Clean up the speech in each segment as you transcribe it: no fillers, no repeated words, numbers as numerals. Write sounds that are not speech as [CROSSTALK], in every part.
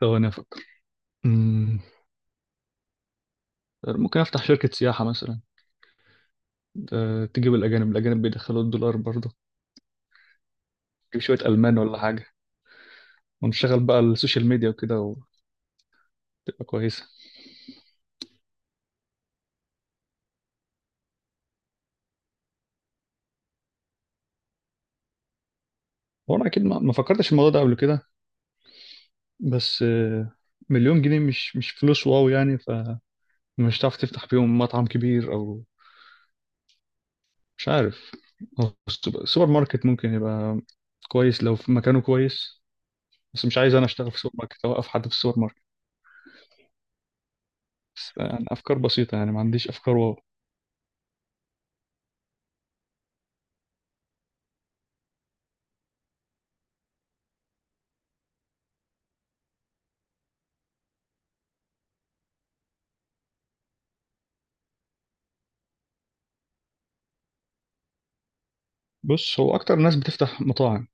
ثواني أفكر. أمم، ممكن أفتح شركة سياحة مثلا. تجيب الأجانب الأجانب بيدخلوا الدولار برضه. تجيب شوية ألمان ولا حاجة، ونشتغل بقى السوشيال ميديا وكده وتبقى كويسة. هو أنا أكيد ما فكرتش في الموضوع ده قبل كده. بس مليون جنيه مش فلوس واو يعني، فمش هتعرف تفتح بيهم مطعم كبير أو مش عارف. هو السوبر ماركت ممكن يبقى كويس لو في مكانه كويس. بس مش عايز أنا أشتغل في سوبر ماركت أو أوقف حد في السوبر ماركت. بس يعني أفكار بسيطة، يعني ما عنديش أفكار. بص، هو اكتر ناس بتفتح مطاعم.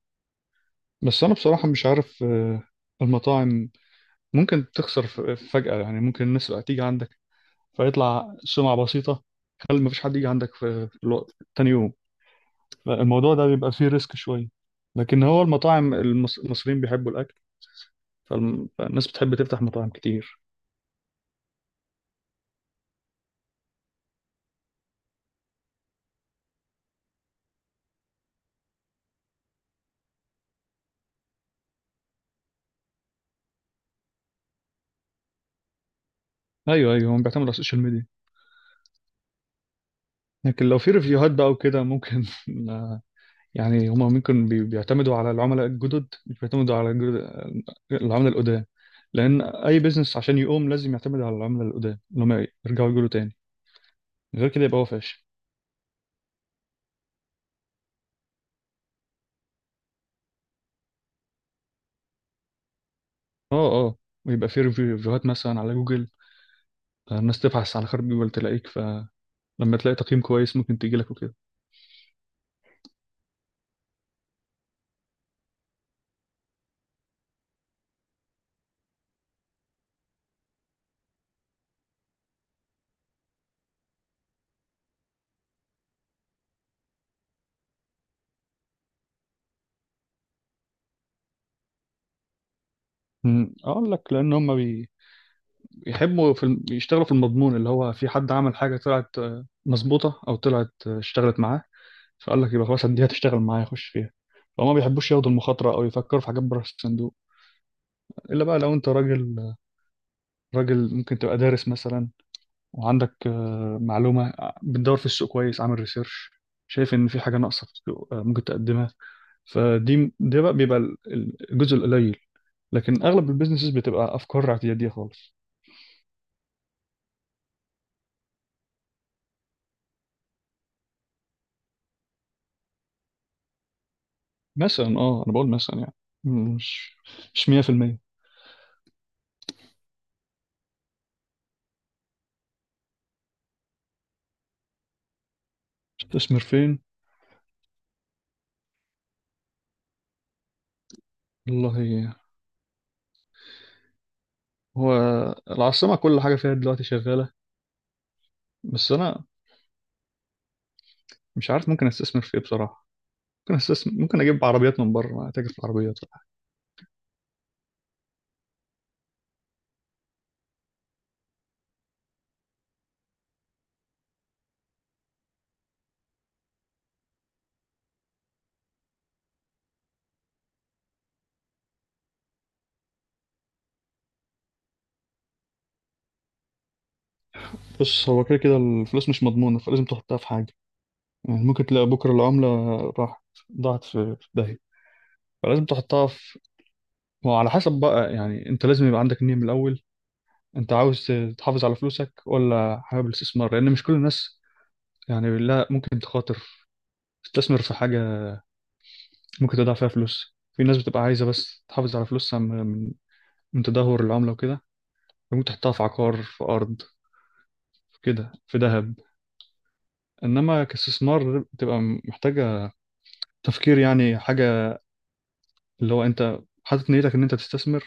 بس انا بصراحة مش عارف، المطاعم ممكن تخسر فجأة، يعني ممكن الناس بقى تيجي عندك فيطلع سمعة بسيطة، خلي مفيش حد يجي عندك في الوقت تاني يوم. الموضوع ده بيبقى فيه ريسك شوية. لكن هو المطاعم، المصريين بيحبوا الأكل، فالناس بتحب تفتح مطاعم كتير. ايوه، ايوه، هم بيعتمدوا على السوشيال ميديا. لكن لو في ريفيوهات بقى وكده ممكن [LAUGHS] يعني هما ممكن بيعتمدوا على العملاء الجدد، مش بيعتمدوا على العملاء القدام. لأن أي بيزنس عشان يقوم لازم يعتمد على العملاء القدام، اللي هما يرجعوا يقولوا تاني. غير كده يبقى هو فاشل. اه، اه، ويبقى فيه ريفيوهات مثلا على جوجل، الناس تبحث على خرب جوجل تلاقيك، فلما تلاقي تقييم كويس ممكن تجيلك وكده. اقول لك، لان هم بيحبوا في بيشتغلوا في المضمون، اللي هو في حد عمل حاجه طلعت مظبوطه، او طلعت اشتغلت معاه، فقال لك يبقى خلاص دي هتشتغل معايا، خش فيها. فهم ما بيحبوش ياخدوا المخاطرة أو يفكروا في حاجات بره الصندوق، إلا بقى لو أنت راجل. راجل ممكن تبقى دارس مثلا، وعندك معلومة، بتدور في السوق كويس، عامل ريسيرش، شايف إن في حاجة ناقصة في السوق ممكن تقدمها. فدي ده بقى بيبقى الجزء القليل. لكن أغلب البيزنسز بتبقى أفكار اعتيادية خالص. مثلا أنا بقول مثلا يعني، مش مش 100%. تستثمر فين؟ والله، هو العاصمة كل حاجة فيها دلوقتي شغالة. بس أنا مش عارف ممكن استثمر في ايه بصراحه. ممكن استثمر، ممكن اجيب عربيات من بره، اتاجر في العربيات. بص، هو كده كده الفلوس مش مضمونه، فلازم تحطها في حاجه. يعني ممكن تلاقي بكره العمله راحت، ضاعت في داهيه، فلازم تحطها في، هو على حسب بقى. يعني انت لازم يبقى عندك نية من الاول، انت عاوز تحافظ على فلوسك ولا حابب الاستثمار؟ لان مش كل الناس، يعني لا، ممكن تخاطر، تستثمر في حاجه ممكن تضيع فيها فلوس. في ناس بتبقى عايزه بس تحافظ على فلوسها من من تدهور العمله وكده. ممكن تحطها في عقار، في ارض، في كده، في ذهب. انما كاستثمار بتبقى محتاجه تفكير، يعني حاجه اللي هو انت حاطط نيتك ان انت تستثمر.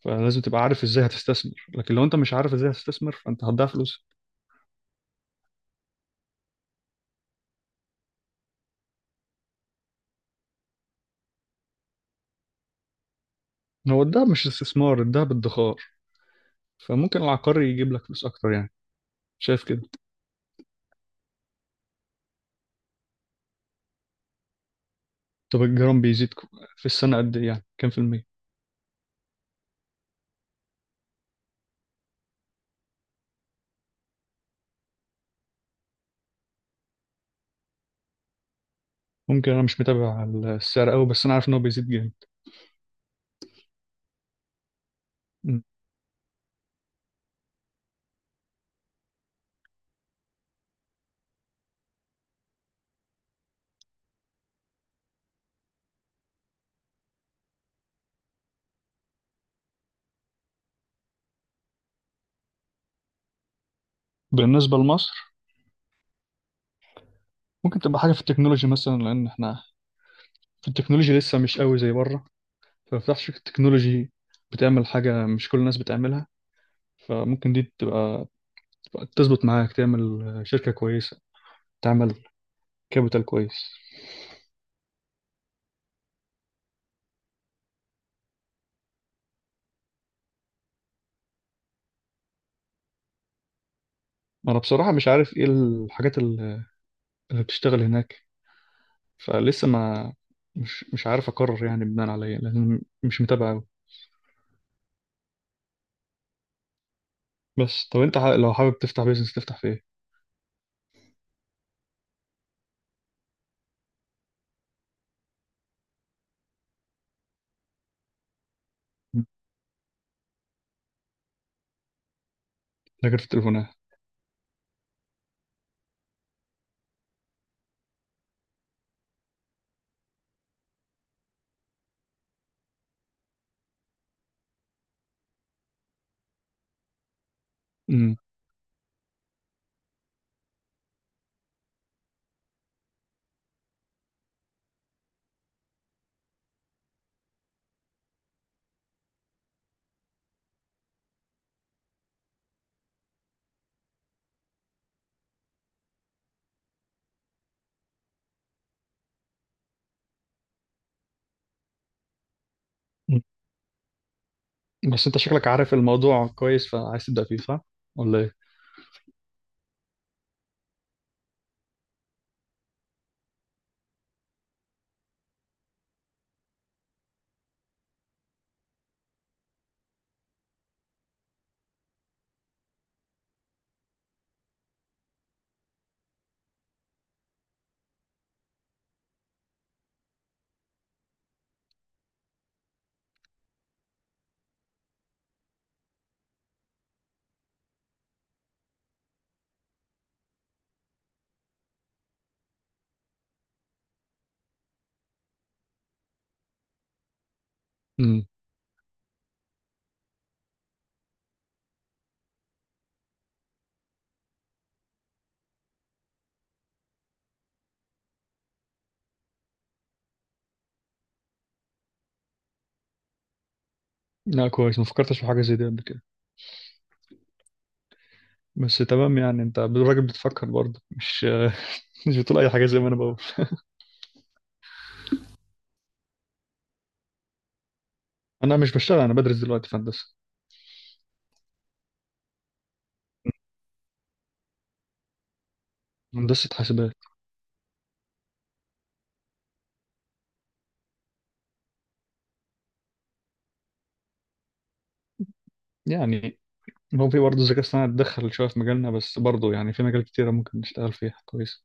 فلازم تبقى عارف ازاي هتستثمر، لكن لو انت مش عارف ازاي هتستثمر، فانت هتضيع فلوس. هو الدهب مش استثمار، الدهب ادخار. فممكن العقاري يجيب لك فلوس اكتر يعني، شايف كده. طب الجرام بيزيد في السنه قد ايه؟ يعني كام في المية؟ ممكن انا مش متابع السعر قوي، بس انا عارف ان هو بيزيد جامد. م. بالنسبه لمصر، ممكن تبقى حاجه في التكنولوجي مثلا، لان احنا في التكنولوجي لسه مش قوي زي بره. ففي شركة تكنولوجي بتعمل حاجة مش كل الناس بتعملها، فممكن دي تبقى تظبط معاك، تعمل شركة كويسة، تعمل كابيتال كويس. أنا بصراحة مش عارف إيه الحاجات اللي بتشتغل هناك. فلسه ما مش عارف أقرر يعني بناء على إيه، لأن مش متابع أوي. بس طب أنت لو حابب تفتح بيزنس تفتح في إيه؟ فاكر في التليفونات. أمم. بس أنت شكلك عارف الموضوع كويس، فعايز تبدأ فيه صح؟ ولا إيه؟ أمم. لا كويس، ما فكرتش في حاجة زي دي قبل كده. بس تمام، يعني انت الراجل بتفكر برضه، مش [LAUGHS] مش بتقول اي حاجه زي ما انا بقول. انا مش بشتغل، انا بدرس دلوقتي في هندسه، هندسه حاسبات. يعني هو في برضه الذكاء الصناعي اتدخل شويه في مجالنا، بس برضه يعني في مجال كتيره ممكن نشتغل فيها كويس.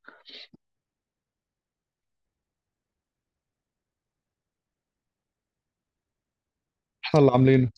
احنا اللي عاملينه.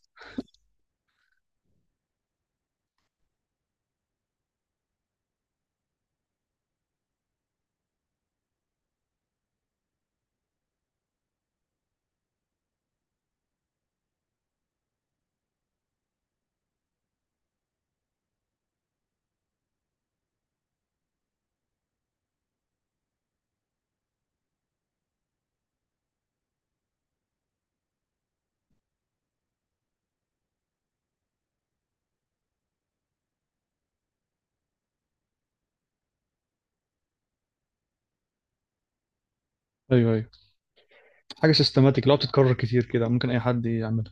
ايوه، ايوه، حاجه سيستماتيك لو بتتكرر كتير كده ممكن اي حد يعملها.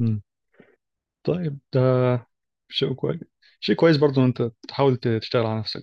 مم. طيب ده شيء كويس، شيء كويس برضه ان انت تحاول تشتغل على نفسك.